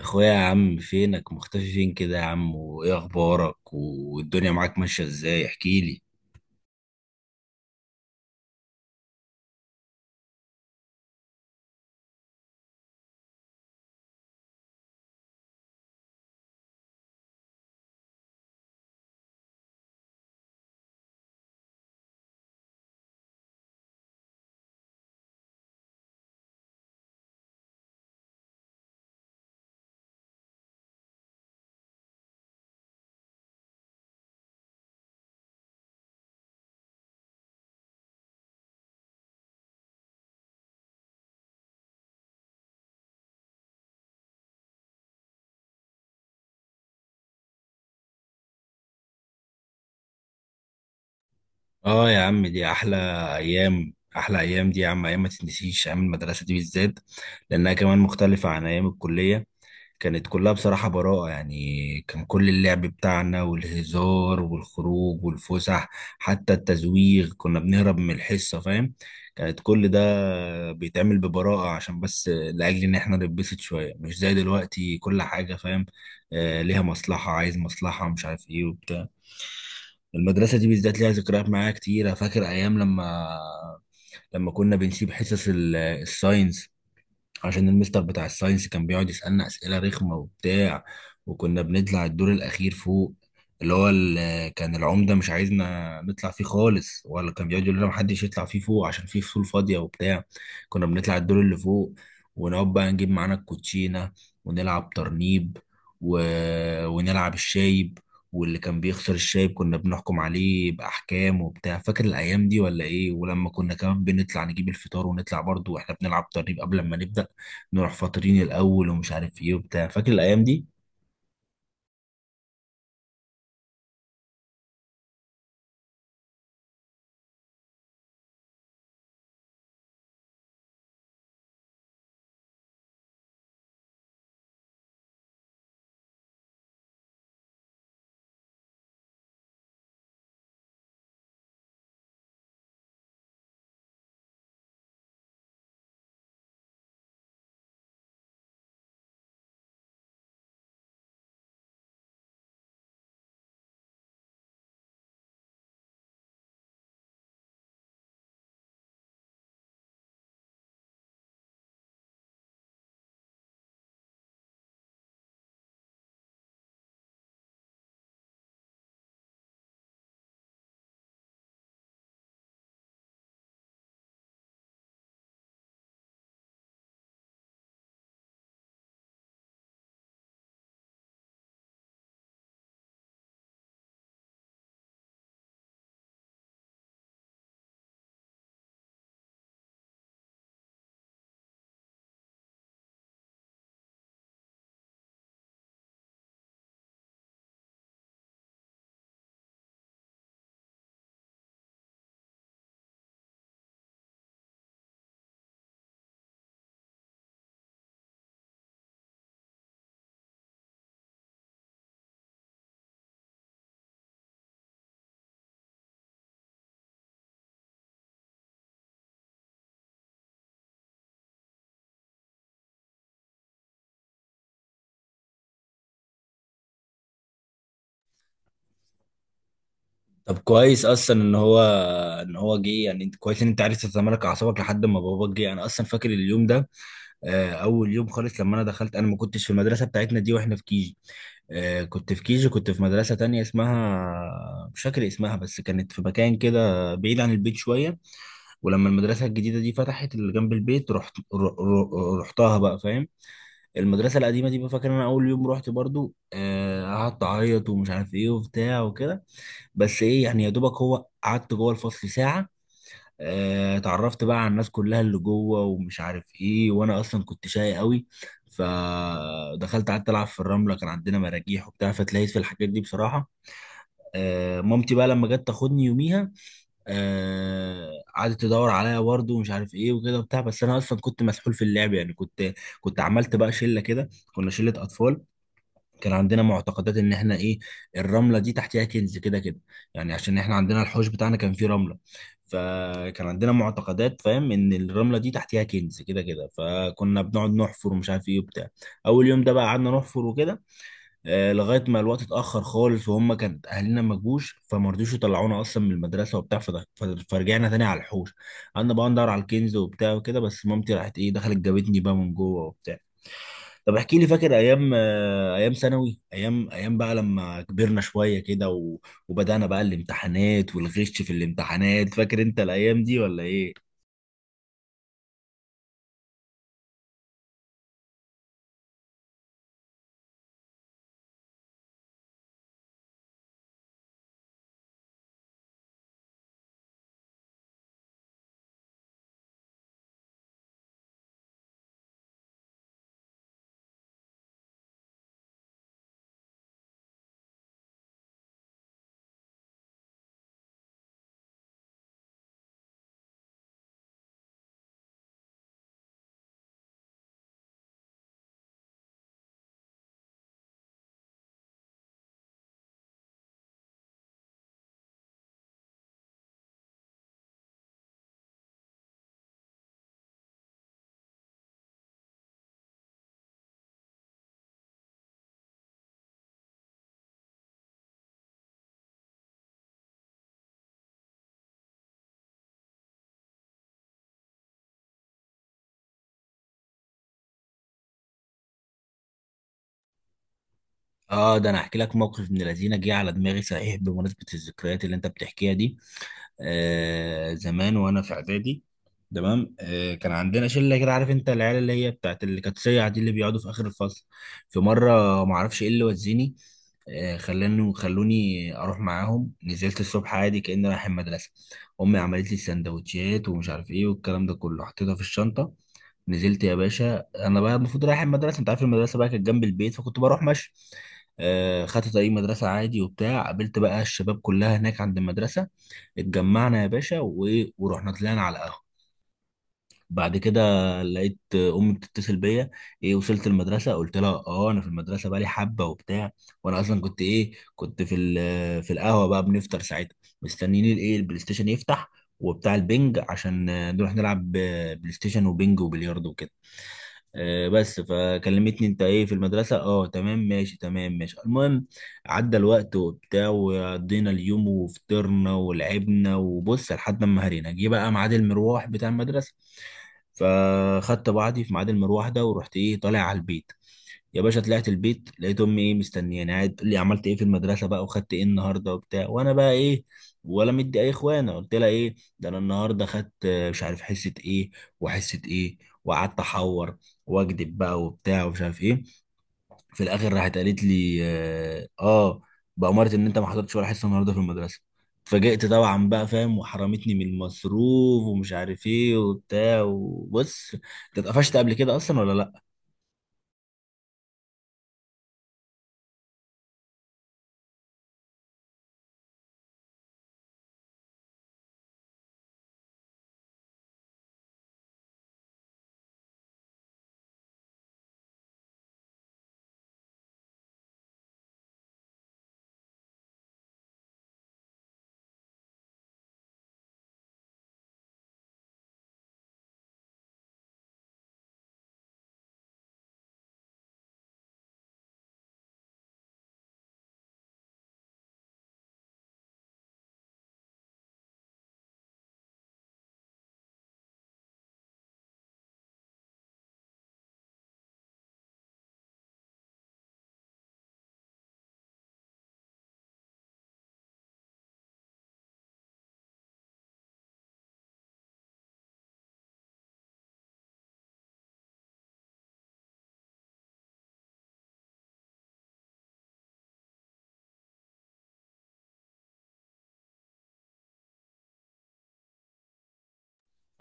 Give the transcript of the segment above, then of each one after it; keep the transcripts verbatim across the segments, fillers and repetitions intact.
اخويا يا عم فينك مختفي فين كده يا عم؟ وايه اخبارك والدنيا معاك ماشيه ازاي؟ احكي لي. اه يا عم، دي احلى ايام. احلى ايام دي يا عم. ايام ما تتنسيش، ايام المدرسه دي بالذات، لانها كمان مختلفه عن ايام الكليه. كانت كلها بصراحة براءة، يعني كان كل اللعب بتاعنا والهزار والخروج والفسح، حتى التزويغ كنا بنهرب من الحصة، فاهم؟ كانت كل ده بيتعمل ببراءة عشان بس لأجل إن إحنا نتبسط شوية، مش زي دلوقتي كل حاجة، فاهم؟ آه، ليها مصلحة، عايز مصلحة، مش عارف إيه وبتاع. المدرسة دي بالذات ليها ذكريات معايا كتير. أنا فاكر أيام لما لما كنا بنسيب حصص ال- الساينس، عشان المستر بتاع الساينس كان بيقعد يسألنا أسئلة رخمة وبتاع. وكنا بنطلع الدور الأخير فوق، اللي هو اللي كان العمدة مش عايزنا نطلع فيه خالص، ولا كان بيقعد يقول لنا محدش يطلع فيه فوق عشان فيه فصول فاضية وبتاع. كنا بنطلع الدور اللي فوق ونقعد بقى نجيب معانا الكوتشينة، ونلعب ترنيب، و... ونلعب الشايب، واللي كان بيخسر الشايب كنا بنحكم عليه بأحكام وبتاع. فاكر الأيام دي ولا إيه؟ ولما كنا كمان بنطلع نجيب الفطار ونطلع برضو وإحنا بنلعب ترنيب قبل ما نبدأ، نروح فاطرين الاول ومش عارف ايه وبتاع. فاكر الايام دي؟ طب كويس اصلا ان هو، ان هو جه يعني. انت كويس ان انت عرفت تتمالك اعصابك لحد ما باباك جه. انا اصلا فاكر اليوم ده. آه، اول يوم خالص لما انا دخلت، انا ما كنتش في المدرسه بتاعتنا دي واحنا في كيجي. آه، كنت في كيجي، كنت في مدرسه تانية اسمها، مش فاكر اسمها، بس كانت في مكان كده بعيد عن البيت شويه. ولما المدرسه الجديده دي فتحت اللي جنب البيت رحت ر- ر- رحتها بقى، فاهم؟ المدرسه القديمه دي بقى فاكر انا اول يوم رحت، برضو آه، قعدت اعيط ومش عارف ايه وبتاع وكده. بس ايه يعني، يا دوبك هو قعدت جوه الفصل ساعه. آه، اتعرفت بقى على الناس كلها اللي جوه ومش عارف ايه، وانا اصلا كنت شاي قوي. فدخلت قعدت العب في الرمله، كان عندنا مراجيح وبتاع، فتلاقيت في الحاجات دي بصراحه. آه، مامتي بقى لما جت تاخدني يوميها، آه، قعدت تدور عليا برضه ومش عارف ايه وكده وبتاع، بس انا اصلا كنت مسحول في اللعب يعني. كنت كنت عملت بقى شله كده، كنا شله اطفال. كان عندنا معتقدات ان احنا ايه، الرمله دي تحتها كنز كده كده، يعني عشان احنا عندنا الحوش بتاعنا كان فيه رمله، فكان عندنا معتقدات، فاهم، ان الرمله دي تحتها كنز كده كده، فكنا بنقعد نحفر ومش عارف ايه وبتاع. اول يوم ده بقى قعدنا نحفر وكده، آه لغايه ما الوقت اتاخر خالص، وهم كان اهالينا ما جوش، فما رضوش يطلعونا اصلا من المدرسه وبتاع فده- فرجعنا تاني على الحوش، قعدنا بقى ندور على الكنز وبتاع وكده، بس مامتي راحت ايه دخلت جابتني بقى من جوه وبتاع. طب احكي لي، فاكر ايام، آه، ايام ثانوي، ايام ايام بقى لما كبرنا شويه كده، و... وبدانا بقى الامتحانات والغش في الامتحانات. فاكر انت الايام دي ولا ايه؟ اه ده انا احكي لك موقف من الذين جه على دماغي صحيح بمناسبه الذكريات اللي انت بتحكيها دي. آه زمان وانا في اعدادي، تمام، آه كان عندنا شله كده، عارف انت العيال اللي هي بتاعت اللي كانت سيعه دي اللي بيقعدوا في اخر الفصل. في مره ما اعرفش ايه اللي وزني، آه خلاني خلوني اروح معاهم. نزلت الصبح عادي كاني رايح المدرسه، امي عملت لي السندوتشات ومش عارف ايه والكلام ده كله، حطيتها في الشنطه، نزلت يا باشا. انا بقى المفروض رايح المدرسه، انت عارف المدرسه بقى كانت جنب البيت فكنت بروح ماشي. آه خدت طريق مدرسه عادي وبتاع، قابلت بقى الشباب كلها هناك عند المدرسه، اتجمعنا يا باشا و- ورحنا طلعنا على القهوة. بعد كده لقيت امي بتتصل بيا، ايه وصلت المدرسه؟ قلت لها اه انا في المدرسه بقالي حبه وبتاع، وانا اصلا كنت ايه، كنت في ال- في القهوه بقى بنفطر ساعتها، مستنيين الايه البلاي ستيشن يفتح وبتاع البنج، عشان آه، نروح نلعب آه، بلاي ستيشن وبنج وبلياردو وكده. آه، بس فكلمتني انت ايه في المدرسه؟ اه تمام ماشي، تمام ماشي. المهم عدى الوقت وبتاع، وقضينا اليوم وفطرنا ولعبنا وبص، لحد ما هرينا جه بقى ميعاد المروح بتاع المدرسه، فخدت بعضي في ميعاد المروح ده ورحت ايه طالع على البيت. يا باشا طلعت البيت لقيت امي ايه مستنياني، قاعد تقول لي عملت ايه في المدرسه بقى، وخدت ايه النهارده وبتاع، وانا بقى ايه ولا مدي اي اخوانه. قلت لها ايه، ده انا النهارده خدت آه، مش عارف حصه ايه، وحصه ايه، وقعدت احور واكذب بقى وبتاع ومش عارف ايه. في الاخر راحت قالت لي اه آه، بأمارة ان انت ما حضرتش ولا حصه النهارده في المدرسه. اتفاجئت طبعا بقى، فاهم، وحرمتني من المصروف ومش عارف ايه وبتاع. وبص، انت اتقفشت قبل كده اصلا ولا لا؟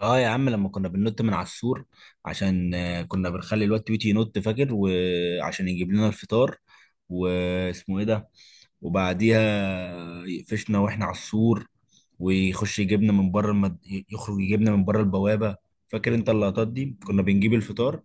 اه يا عم لما كنا بننط من على السور، عشان آه، كنا بنخلي الواد تويتي ينط، فاكر، وعشان يجيب لنا الفطار، واسمه ايه ده. وبعديها يقفشنا واحنا على السور، ويخش يجيبنا من بره المد... يخرج يجيبنا من بره البوابة. فاكر انت اللقطات دي؟ كنا بنجيب الفطار.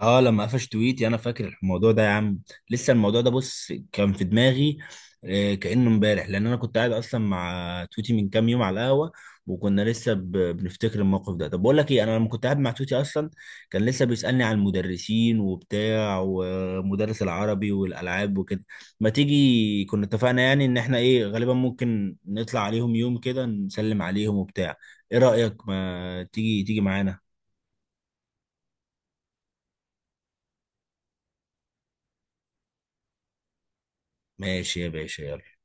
اه لما قفش تويتي، انا فاكر الموضوع ده يا عم، لسه الموضوع ده بص كان في دماغي آه، كأنه امبارح، لان انا كنت قاعد اصلا مع تويتي من كام يوم على القهوه، وكنا لسه ب- بنفتكر الموقف ده. طب بقول لك ايه، انا لما كنت قاعد مع تويتي اصلا كان لسه بيسألني عن المدرسين وبتاع، ومدرس العربي والالعاب وكده. ما تيجي، كنا اتفقنا يعني ان احنا ايه غالبا ممكن نطلع عليهم يوم كده نسلم عليهم وبتاع. ايه رأيك، ما تيجي تيجي معانا؟ ماشي يا باشا، يلا.